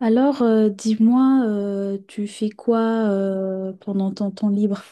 Dis-moi, tu fais quoi pendant ton temps libre?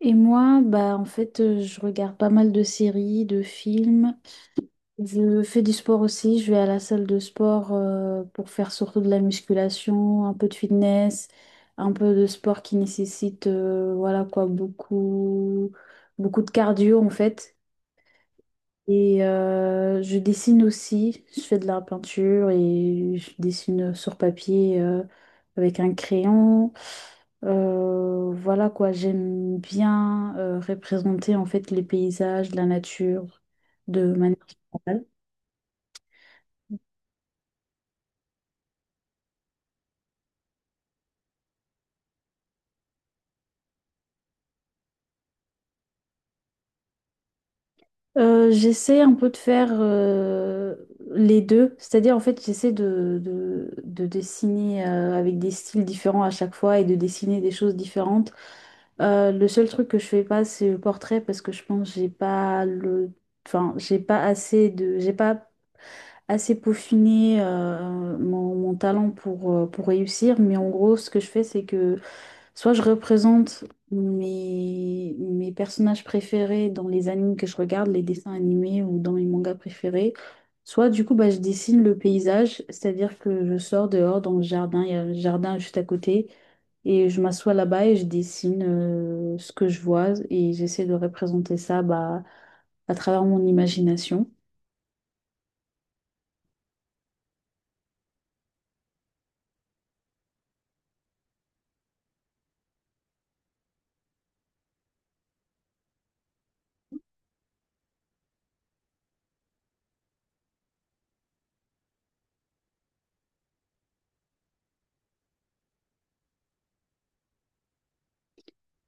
Et moi, bah en fait, je regarde pas mal de séries, de films. Je fais du sport aussi. Je vais à la salle de sport pour faire surtout de la musculation, un peu de fitness, un peu de sport qui nécessite, voilà quoi, beaucoup de cardio en fait. Je dessine aussi, je fais de la peinture et je dessine sur papier avec un crayon. Voilà quoi, j'aime bien représenter en fait les paysages, la nature de manière générale. J'essaie un peu de faire les deux, c'est-à-dire en fait j'essaie de dessiner avec des styles différents à chaque fois et de dessiner des choses différentes. Le seul truc que je fais pas c'est le portrait parce que je pense que j'ai pas le, enfin j'ai pas assez de, j'ai pas assez peaufiné mon talent pour réussir. Mais en gros ce que je fais c'est que soit je représente mes personnages préférés dans les animes que je regarde, les dessins animés ou dans mes mangas préférés. Soit du coup, bah, je dessine le paysage, c'est-à-dire que je sors dehors dans le jardin, il y a un jardin juste à côté, et je m'assois là-bas et je dessine ce que je vois et j'essaie de représenter ça bah, à travers mon imagination.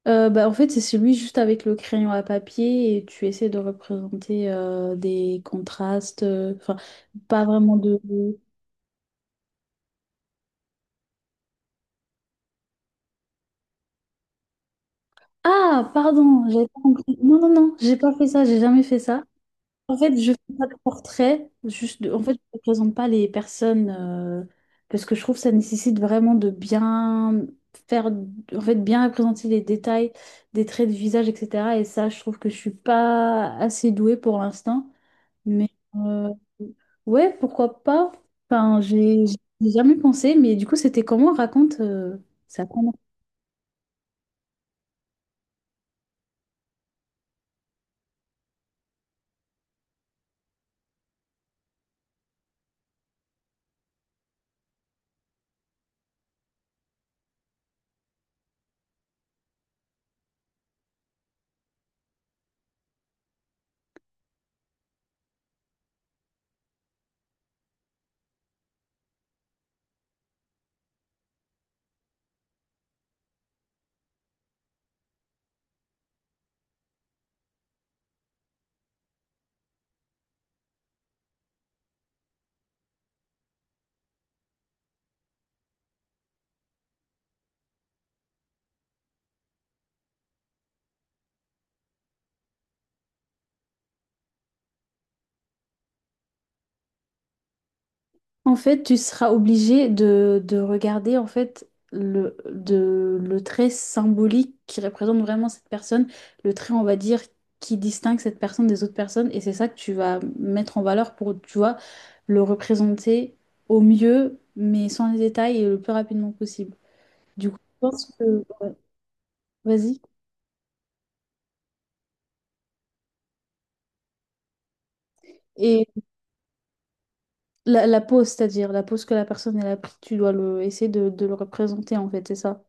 Bah, en fait, c'est celui juste avec le crayon à papier et tu essaies de représenter des contrastes, enfin, pas vraiment de... Ah, pardon, j'avais pas compris. Non, non, non, j'ai pas fait ça, j'ai jamais fait ça. En fait, je fais pas de portrait, juste de- en fait, je ne présente pas les personnes parce que je trouve que ça nécessite vraiment de bien faire, en fait, bien représenter les détails des traits de visage, etc. Et ça, je trouve que je suis pas assez douée pour l'instant. Mais euh, ouais, pourquoi pas? Enfin, j'ai jamais pensé, mais du coup, c'était comment? Raconte ça. Comment en fait, tu seras obligé de regarder en fait le, de, le trait symbolique qui représente vraiment cette personne, le trait, on va dire, qui distingue cette personne des autres personnes, et c'est ça que tu vas mettre en valeur pour, tu vois, le représenter au mieux, mais sans les détails et le plus rapidement possible. Du coup, je pense que... ouais, vas-y. La pose, c'est-à-dire la pose que la personne elle a pris, tu dois le, essayer de le représenter en fait, c'est ça.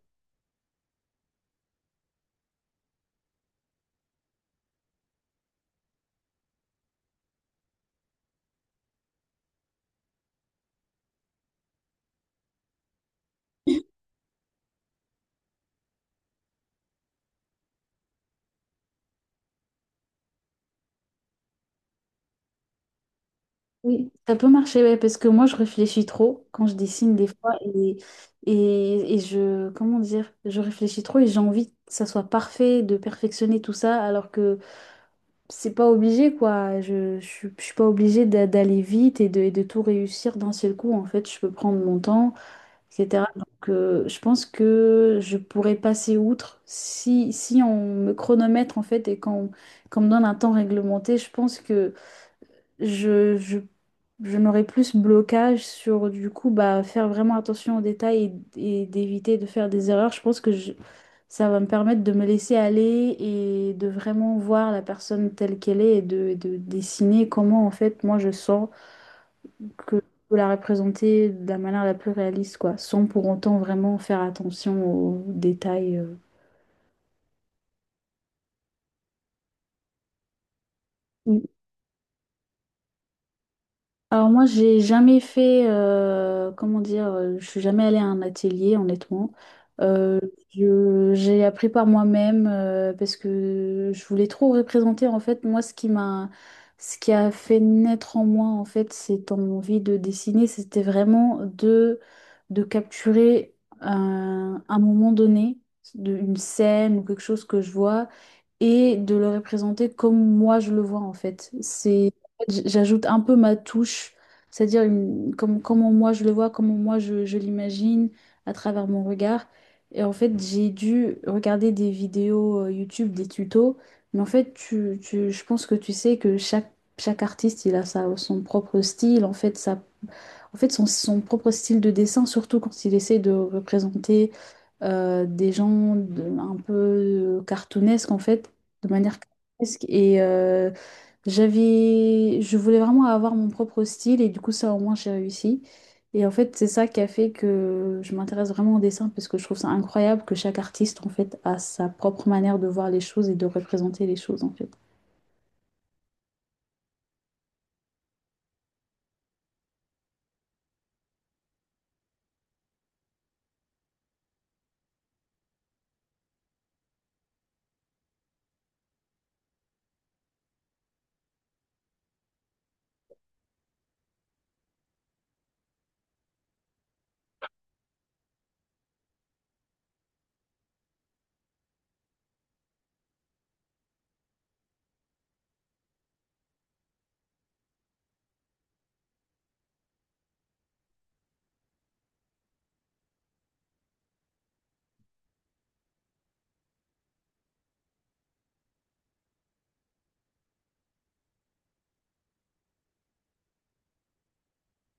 Oui. Ça peut marcher, ouais, parce que moi je réfléchis trop quand je dessine des fois et je, comment dire, je réfléchis trop et j'ai envie que ça soit parfait, de perfectionner tout ça, alors que c'est pas obligé quoi. Je suis pas obligée d'a- d'aller vite et de tout réussir d'un seul coup. En fait, je peux prendre mon temps et cetera. Donc, je pense que je pourrais passer outre si, si on me chronomètre en fait et qu'on me donne un temps réglementé. Je pense que je, je, je n'aurais plus ce blocage sur du coup bah, faire vraiment attention aux détails et d'éviter de faire des erreurs. Je pense que je- ça va me permettre de me laisser aller et de vraiment voir la personne telle qu'elle est et de dessiner comment en fait moi je sens que faut la représenter de la manière la plus réaliste, quoi, sans pour autant vraiment faire attention aux détails. Alors moi, j'ai jamais fait, comment dire, je suis jamais allée à un atelier, honnêtement. Euh, je- j'ai appris par moi-même parce que je voulais trop représenter. En fait, moi, ce qui m'a, ce qui a fait naître en moi, en fait, cette envie de dessiner, c'était vraiment de capturer un moment donné, de- une scène ou quelque chose que je vois et de le représenter comme moi je le vois en fait. C'est, en fait, j- j'ajoute un peu ma touche, c'est-à-dire une- comme, comment moi je le vois, comment moi je l'imagine à travers mon regard. Et en fait, j'ai dû regarder des vidéos YouTube, des tutos, mais en fait, tu- je pense que tu sais que chaque artiste, il a sa, son propre style, en fait, sa- en fait son, son propre style de dessin, surtout quand il essaie de représenter des gens de- un peu cartoonesques en fait, de manière cartoonesque. J'avais, je voulais vraiment avoir mon propre style et du coup ça au moins j'ai réussi. Et en fait c'est ça qui a fait que je m'intéresse vraiment au dessin parce que je trouve ça incroyable que chaque artiste en fait a sa propre manière de voir les choses et de représenter les choses en fait.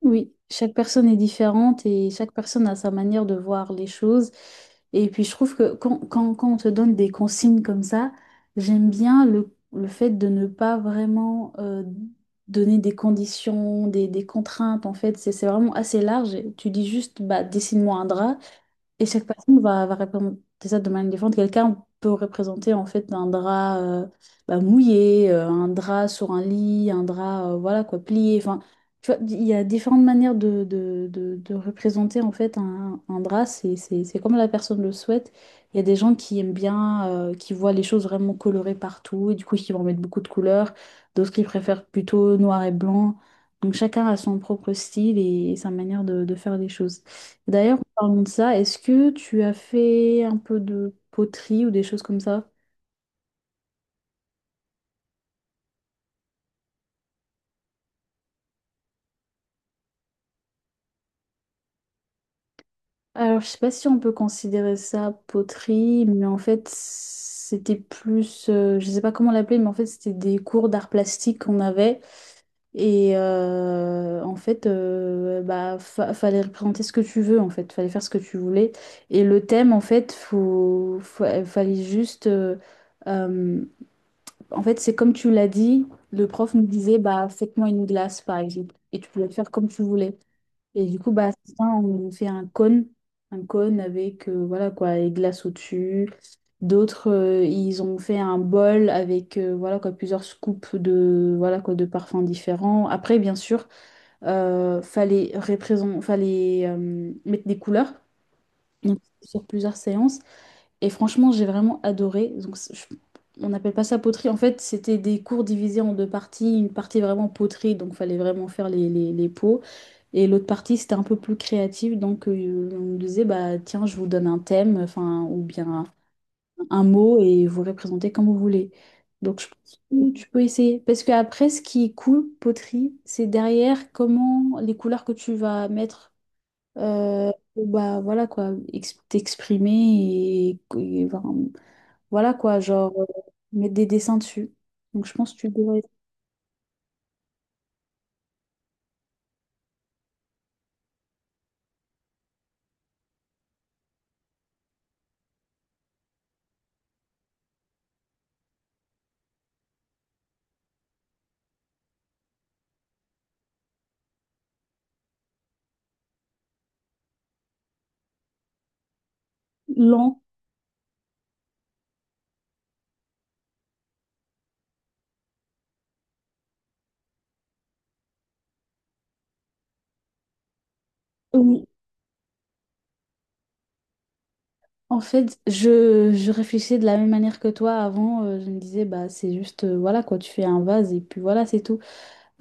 Oui, chaque personne est différente et chaque personne a sa manière de voir les choses. Et puis je trouve que quand on te donne des consignes comme ça, j'aime bien le fait de ne pas vraiment donner des conditions, des contraintes. En fait, c'est vraiment assez large. Tu dis juste, bah, dessine-moi un drap. Et chaque personne va représenter ça de manière différente. Quelqu'un peut représenter en fait un drap bah, mouillé, un drap sur un lit, un drap voilà quoi, plié. Enfin, tu vois, il y a différentes manières de représenter en fait un drap. C'est comme la personne le souhaite. Il y a des gens qui aiment bien, qui voient les choses vraiment colorées partout et du coup qui vont mettre beaucoup de couleurs. D'autres qui préfèrent plutôt noir et blanc. Donc chacun a son propre style et sa manière de faire les choses. D'ailleurs, en parlant de ça, est-ce que tu as fait un peu de poterie ou des choses comme ça? Alors, je sais pas si on peut considérer ça poterie, mais en fait, c'était plus, je sais pas comment l'appeler, mais en fait, c'était des cours d'art plastique qu'on avait. En fait, bah, fa- fallait représenter ce que tu veux, en fait, fallait faire ce que tu voulais. Et le thème, en fait, faut, fa- fallait juste euh, en fait, c'est comme tu l'as dit, le prof nous disait, bah, faites-moi une glace, par exemple. Et tu pouvais faire comme tu voulais. Et du coup, bah, c'est ça, on nous fait un cône avec, voilà, quoi, les glaces au-dessus. D'autres, ils ont fait un bol avec, voilà, quoi, plusieurs scoops de, voilà, quoi, de parfums différents. Après, bien sûr, fallait représent- fallait, mettre des couleurs. Donc, sur plusieurs séances. Et franchement, j'ai vraiment adoré. Donc, c'est- je- on n'appelle pas ça poterie. En fait, c'était des cours divisés en deux parties. Une partie vraiment poterie, donc fallait vraiment faire les pots. Et l'autre partie, c'était un peu plus créatif. Donc, on nous disait, bah, tiens, je vous donne un thème, enfin, ou bien un mot, et vous représentez comme vous voulez. Donc, je pense que tu peux essayer. Parce que après, ce qui est cool, poterie, c'est derrière comment les couleurs que tu vas mettre. euh, Bah voilà quoi, ex- t'exprimer et, voilà, voilà quoi, genre, mettre des dessins dessus. Donc je pense que tu devrais être lent. Oui. En fait, je réfléchissais de la même manière que toi avant. Je me disais, bah c'est juste, voilà quoi, tu fais un vase et puis voilà, c'est tout.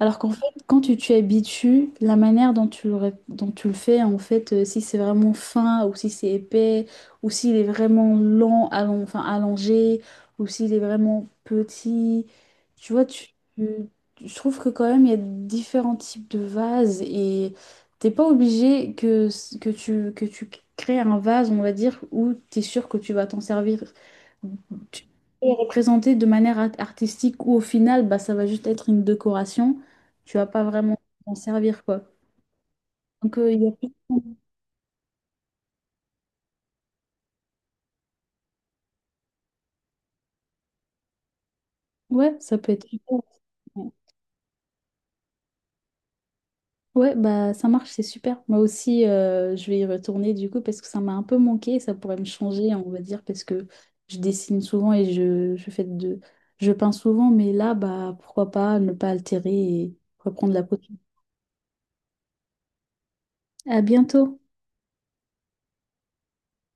Alors qu'en fait, quand tu t'y habitues, la manière dont tu le, ré- dont tu le fais, en fait, si c'est vraiment fin ou si c'est épais, ou s'il est vraiment lent, allon- enfin, allongé, ou s'il est vraiment petit, tu vois, tu- je trouve que quand même, il y a différents types de vases et t'es pas obligé que tu crées un vase, on va dire, où tu es sûr que tu vas t'en servir tu- et représenter de manière art- artistique ou au final, bah, ça va juste être une décoration. Tu vas pas vraiment t'en servir, quoi. Donc, il y a plus... Ouais, ça peut être super. Ouais, ouais, bah ça marche, c'est super. Moi aussi, je vais y retourner du coup parce que ça m'a un peu manqué. Ça pourrait me changer, on va dire, parce que je dessine souvent et je fais de... Je peins souvent, mais là, bah pourquoi pas ne pas altérer et reprendre la peau. À bientôt!